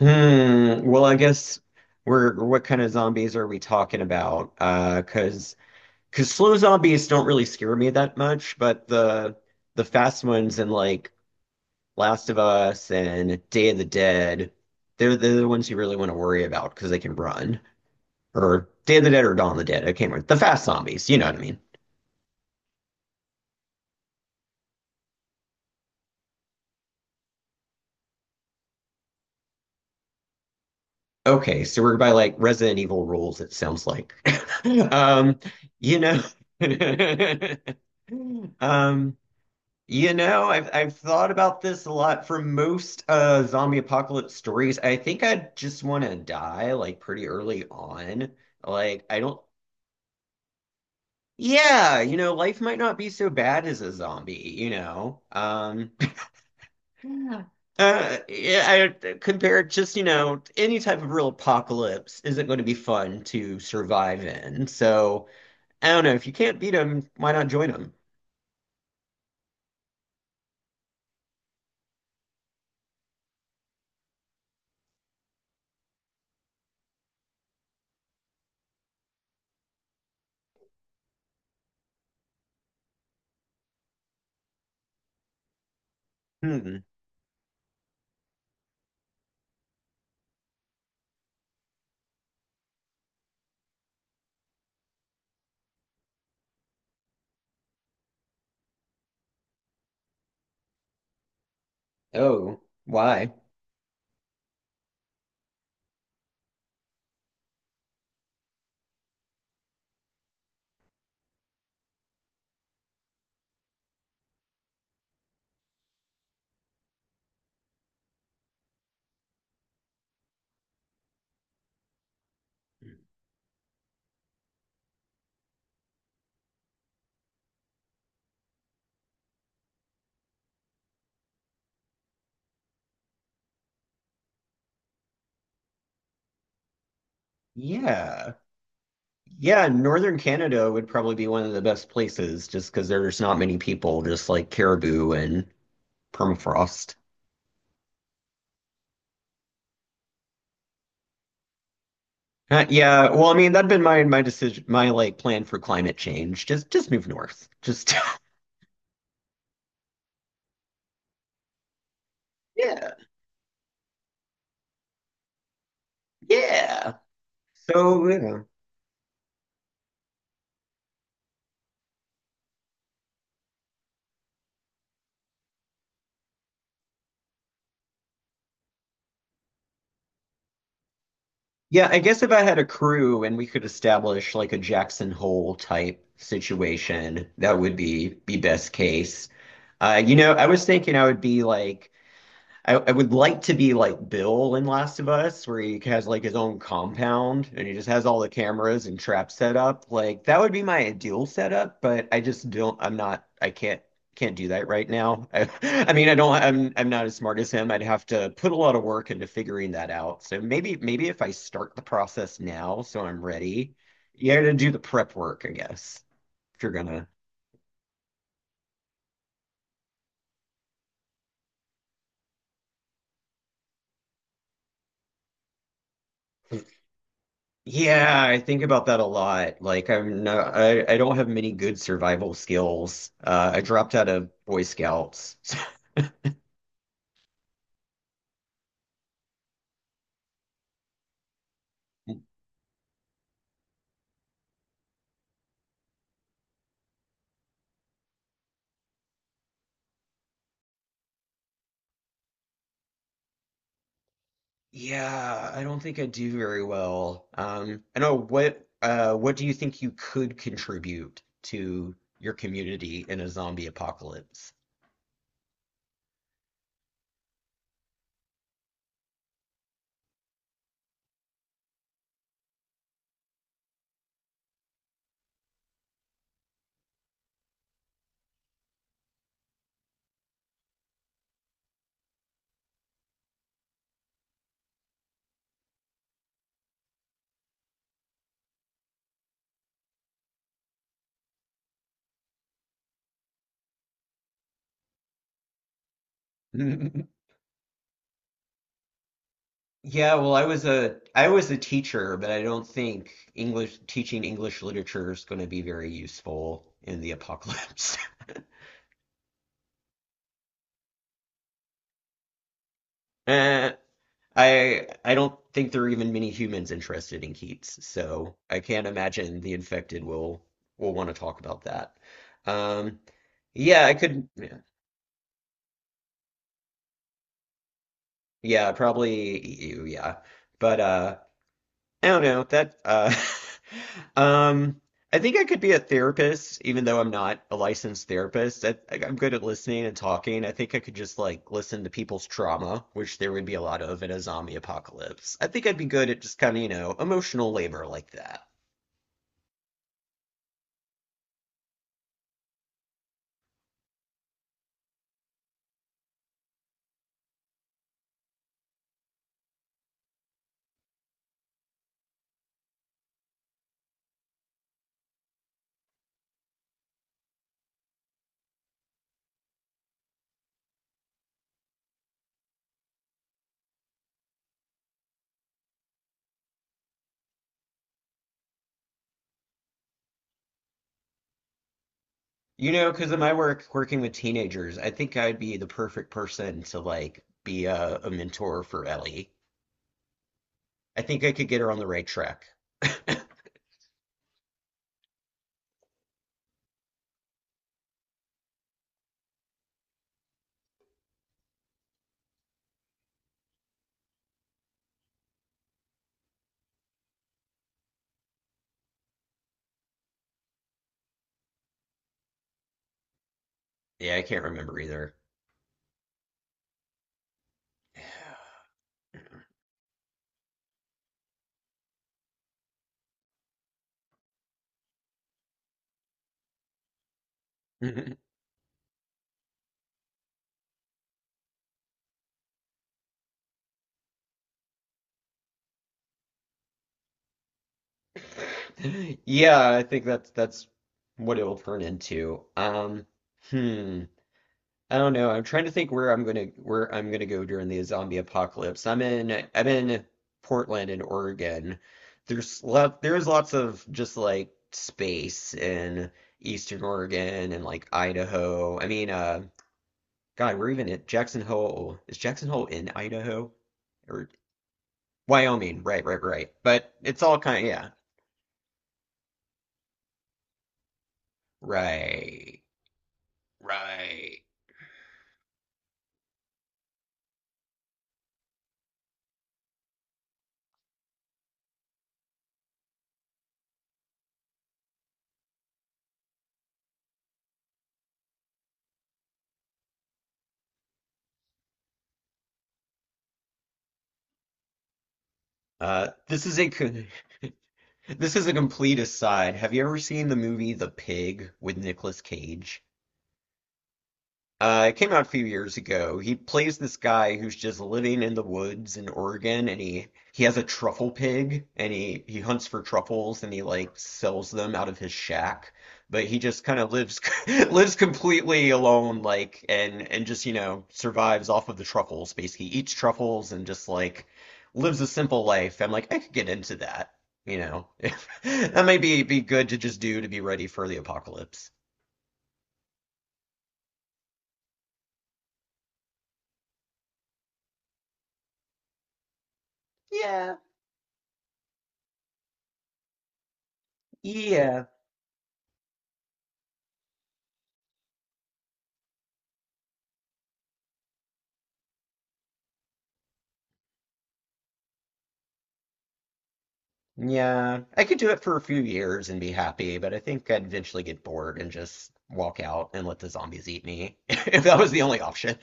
Hmm. Well, I guess we're what kind of zombies are we talking about? Because slow zombies don't really scare me that much, but the fast ones in like Last of Us and Day of the Dead, they're the ones you really want to worry about because they can run. Or Day of the Dead or Dawn of the Dead. I can't remember. The fast zombies, you know what I mean? Okay, so we're by like Resident Evil rules, it sounds like. Um, you know. Um, You know, I've thought about this a lot for most zombie apocalypse stories. I think I just want to die like pretty early on. Like I don't. Yeah, you know, life might not be so bad as a zombie, you know. Yeah. Yeah, I compared just, you know, any type of real apocalypse isn't going to be fun to survive in. So, I don't know, if you can't beat them, why not join them? Hmm. Oh, why? Yeah. Yeah, northern Canada would probably be one of the best places just because there's not many people, just like caribou and permafrost. Yeah, well, I mean, that'd been my decision, my like plan for climate change. Just move north. Just yeah, yeah. So, you. Yeah, I guess if I had a crew and we could establish like a Jackson Hole type situation, that would be best case. You know, I was thinking I would be like I would like to be like Bill in Last of Us, where he has like his own compound and he just has all the cameras and traps set up. Like that would be my ideal setup, but I just don't. I'm not. I can't do that right now. I mean, I don't. I'm not as smart as him. I'd have to put a lot of work into figuring that out. So maybe if I start the process now, so I'm ready. You got to do the prep work, I guess, if you're gonna. Yeah, I think about that a lot. Like I'm no, I don't have many good survival skills. I dropped out of Boy Scouts. Yeah, I don't think I do very well. I know what do you think you could contribute to your community in a zombie apocalypse? Yeah, well, I was a teacher, but I don't think English teaching English literature is going to be very useful in the apocalypse. Eh, I don't think there are even many humans interested in Keats, so I can't imagine the infected will want to talk about that. Um, yeah, I could, yeah, yeah, probably EU, yeah, but I don't know that um I think I could be a therapist even though I'm not a licensed therapist. I'm good at listening and talking. I think I could just like listen to people's trauma, which there would be a lot of in a zombie apocalypse. I think I'd be good at just kind of, you know, emotional labor like that. You know, because of my work working with teenagers, I think I'd be the perfect person to like be a mentor for Ellie. I think I could get her on the right track. Yeah, I can't remember either. Yeah, I think that's what it'll turn into. Hmm. I don't know. I'm trying to think where I'm gonna go during the zombie apocalypse. I'm in Portland in Oregon. There's lots of just like space in Eastern Oregon and like Idaho. I mean, God, we're even at Jackson Hole. Is Jackson Hole in Idaho? Wyoming, right, right, right. But it's all kind of, yeah, right, right. This is a co- this is a complete aside. Have you ever seen the movie The Pig with Nicolas Cage? It came out a few years ago. He plays this guy who's just living in the woods in Oregon, and he has a truffle pig, and he hunts for truffles, and he like sells them out of his shack. But he just kind of lives lives completely alone, like and just you know survives off of the truffles. Basically, eats truffles and just like lives a simple life. I'm like, I could get into that, you know. That may be good to just do to be ready for the apocalypse. Yeah, yeah. Yeah, I could do it for a few years and be happy, but I think I'd eventually get bored and just walk out and let the zombies eat me if that was the only option.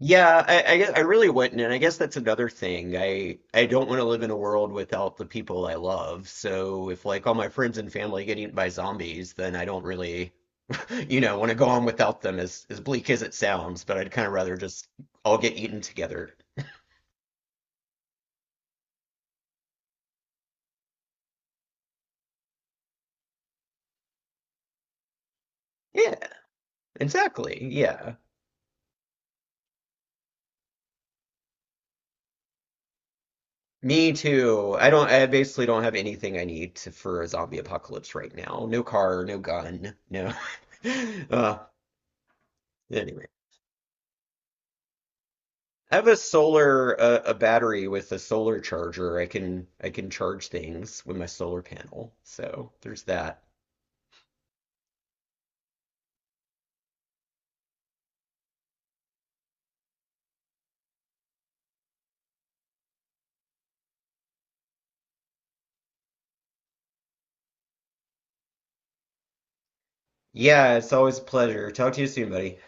Yeah, I guess I really wouldn't, and I guess that's another thing. I don't want to live in a world without the people I love. So if like all my friends and family get eaten by zombies, then I don't really, you know, want to go on without them as bleak as it sounds, but I'd kind of rather just all get eaten together. Yeah, exactly. Yeah. Me too. I don't, I basically don't have anything I need to, for a zombie apocalypse right now. No car, no gun, no. Uh, anyway, I have a solar, a battery with a solar charger. I can charge things with my solar panel. So there's that. Yeah, it's always a pleasure. Talk to you soon, buddy.